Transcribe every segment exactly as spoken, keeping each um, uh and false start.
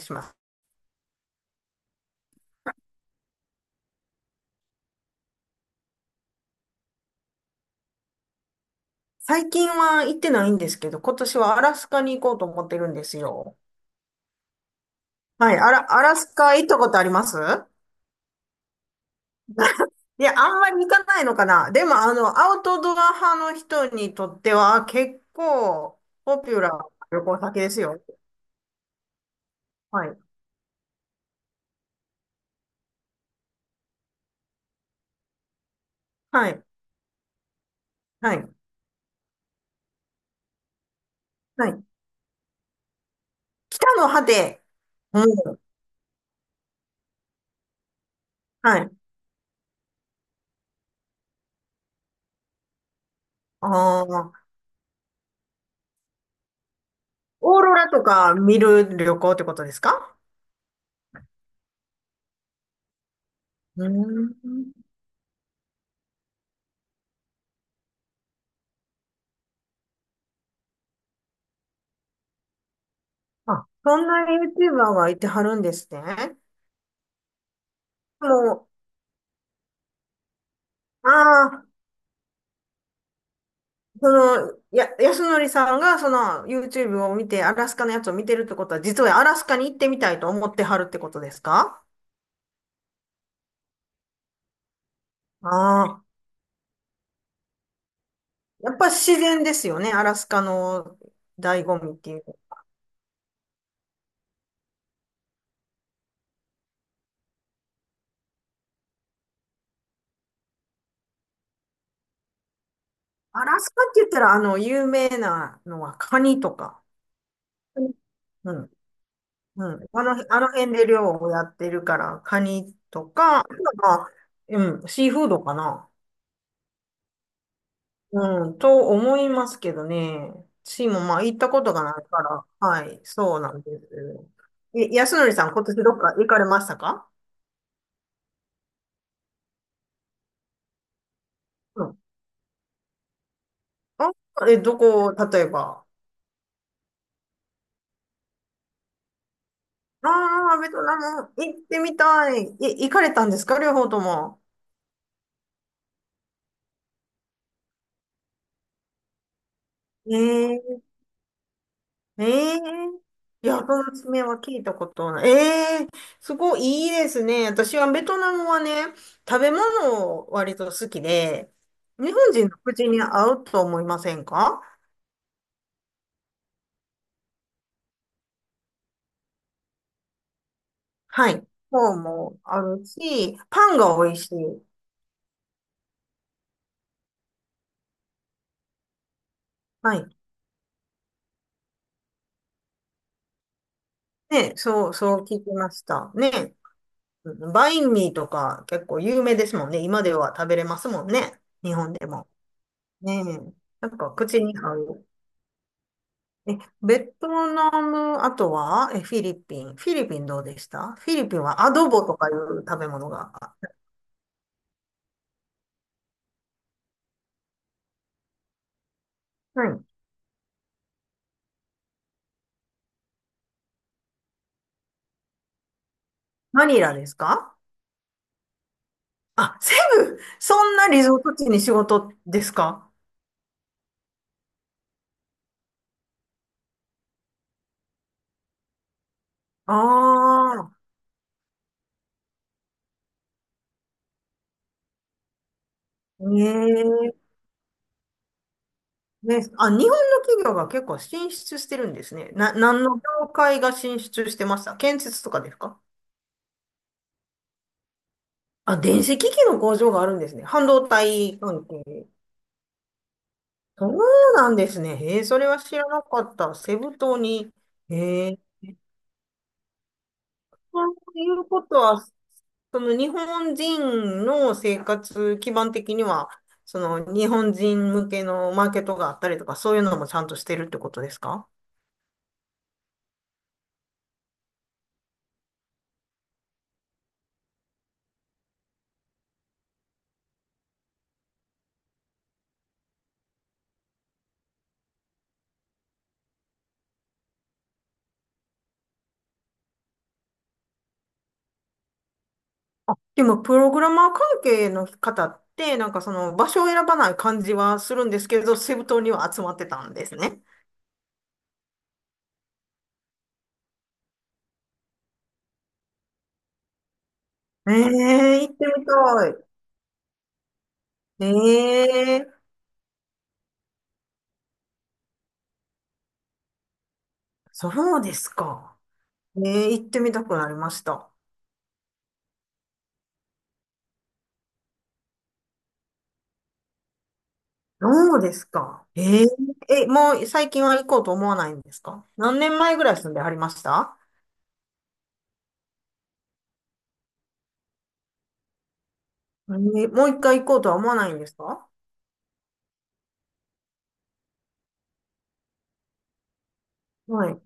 します。最近は行ってないんですけど、今年はアラスカに行こうと思ってるんですよ。はい、アラ、アラスカ行ったことあります？いや、あんまり行かないのかな。でも、あの、アウトドア派の人にとっては結構ポピュラーな旅行先ですよ。はい、はい、はい、はい。北の果て、うん、はい。ああ、オーロラとか見る旅行ってことですか？うーん。あ、そんなユーチューバーがいてはるんですね。もう、ああ、その、や、安則さんがその ユーチューブ を見て、アラスカのやつを見てるってことは、実はアラスカに行ってみたいと思ってはるってことですか？ああー。やっぱ自然ですよね、アラスカの醍醐味っていう。アラスカって言ったら、あの、有名なのはカニとか。うんうん。あの、あの辺で漁をやってるから、カニとか、あとはまあ、うん、シーフードかな。うん、と思いますけどね。私もまあ行ったことがないから、はい、そうなんです。え、安則さん、今年どっか行かれましたか？うん。あ、え、どこ、例えば。ああ、ベトナム行ってみたい。え、行かれたんですか両方とも？ええええいや、その爪は聞いたことない。ええすごいいいですね。私はベトナムはね、食べ物を割と好きで、日本人の口に合うと思いませんか？はい。フォーもあるし、パンが美味しい。はい。ね、そう、そう聞きました。ね。うんバインミーとか結構有名ですもんね。今では食べれますもんね。日本でも。ねえ。なんか口に合う。え、ベトナム、あとは、え、フィリピン。フィリピンどうでした？フィリピンはアドボとかいう食べ物が。はい。マニラですか？あ、セブそんなリゾート地に仕事ですか？ああー。ねえね、あ、日本の企業が結構進出してるんですね。な、何の業界が進出してました？建設とかですか？あ、電子機器の工場があるんですね。半導体関係。そうなんですね。へえ、それは知らなかった。セブ島に。へえ、ということは、その日本人の生活基盤的には、その日本人向けのマーケットがあったりとか、そういうのもちゃんとしてるってことですか？でも、プログラマー関係の方って、なんかその場所を選ばない感じはするんですけど、セブ島には集まってたんですね。ええ行ってみたい。ええそうですか。ええ行ってみたくなりました。どうですか？えええ、もう最近は行こうと思わないんですか？何年前ぐらい住んではりました？ええもう一回行こうとは思わないんですか？はい。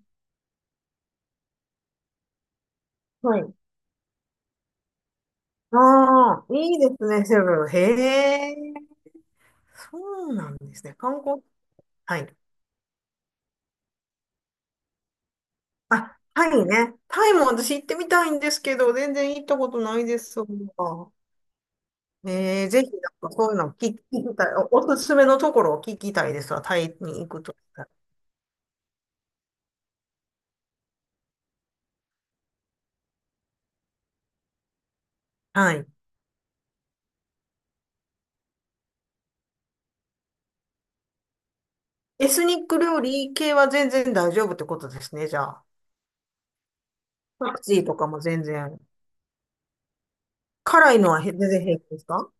はい。ああ、いいですね、セブン。へえ、そうなんですね。観光はい。あ、タイね。タイも私行ってみたいんですけど、全然行ったことないです。そうかえー、ぜひ、なんかそういうの聞き聞きたい。お、おすすめのところを聞きたいですわ。タイに行くとしたら。はい。エスニック料理系は全然大丈夫ってことですね、じゃあ。パクチーとかも全然。辛いのはへ全然平気ですか？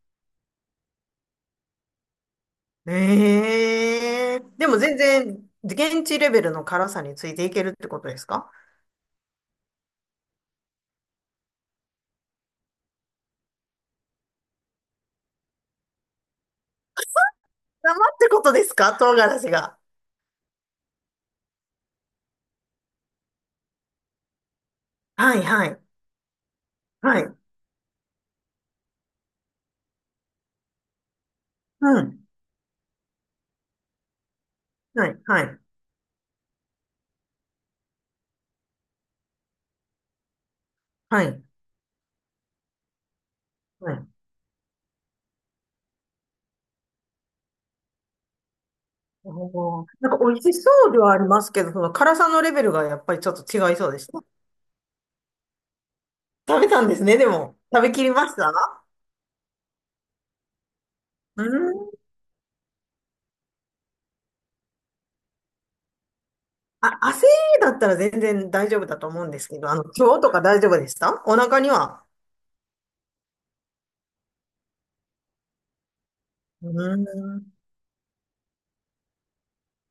ええー、でも全然、現地レベルの辛さについていけるってことですか？生ってことですか？唐辛子が。はい、はい、はい。うん。はい、はい、はい、はい。おーなんか美味しそうではありますけど、その辛さのレベルがやっぱりちょっと違いそうでした。食べたんですね、でも。食べきりました？うーん。あ、汗だったら全然大丈夫だと思うんですけど、あの、今日とか大丈夫でした？お腹には。うーん。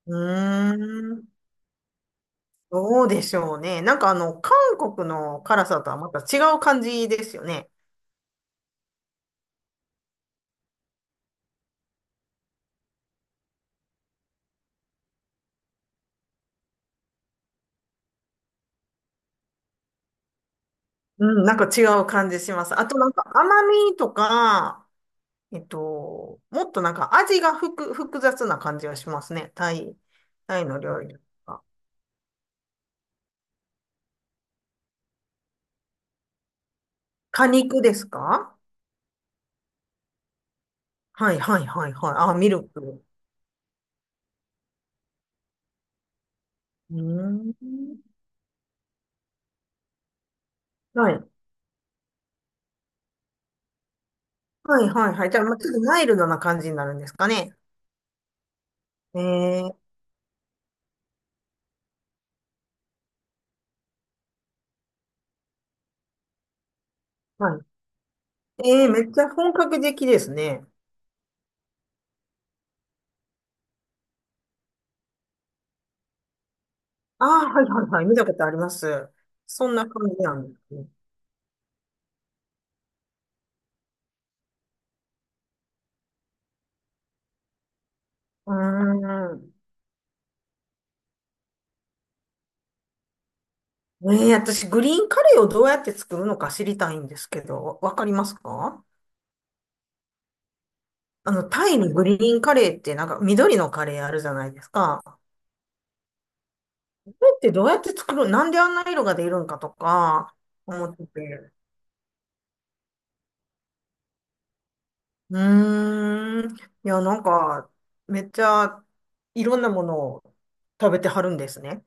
うーん。どうでしょうね。なんかあの、韓国の辛さとはまた違う感じですよね。うん、なんか違う感じします。あとなんか甘みとか、えっと、もっとなんか味が複、複雑な感じがしますね。タイ、タイの料理とか果肉ですか？はいはいはいはい。あ、ミルク。うーん。はい。はいはいはい。じゃあ、まあ、ちょっとマイルドな感じになるんですかね。えー、はい。えー、めっちゃ本格的ですね。ああ、はいはいはい。見たことあります。そんな感じなんですね。うーん。えー、私、グリーンカレーをどうやって作るのか知りたいんですけど、わわかりますか？あの、タイのグリーンカレーってなんか緑のカレーあるじゃないですか。これってどうやって作る、なんであんな色が出るんかとか思ってて。うーん。いや、なんか、めっちゃいろんなものを食べてはるんですね。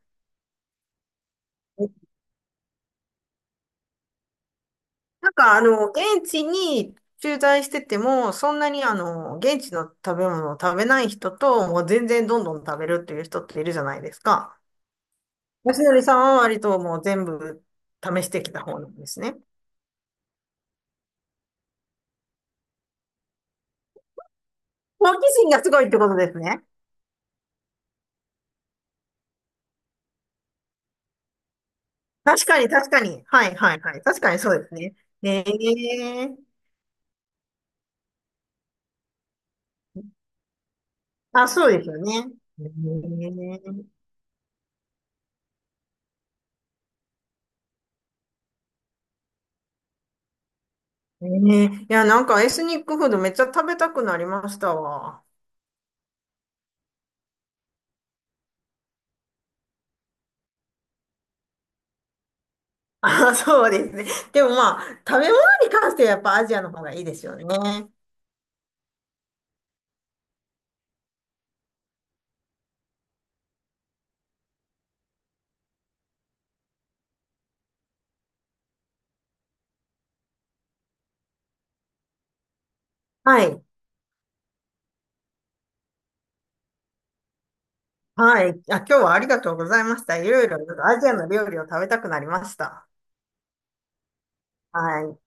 なんかあの、現地に駐在してても、そんなにあの、現地の食べ物を食べない人と、もう全然どんどん食べるっていう人っているじゃないですか。よしのりさんは割ともう全部試してきた方なんですね。好奇心がすごいってことですね。確かに、確かに。はい、はい、はい。確かにそうですね。ねえ。あ、そうですよね。ねえ。ねえ。いや、なんかエスニックフードめっちゃ食べたくなりましたわ。あ、そうですね。でもまあ、食べ物に関してはやっぱアジアの方がいいですよね。はい。はい。あ、今日はありがとうございました。いろいろアジアの料理を食べたくなりました。はい。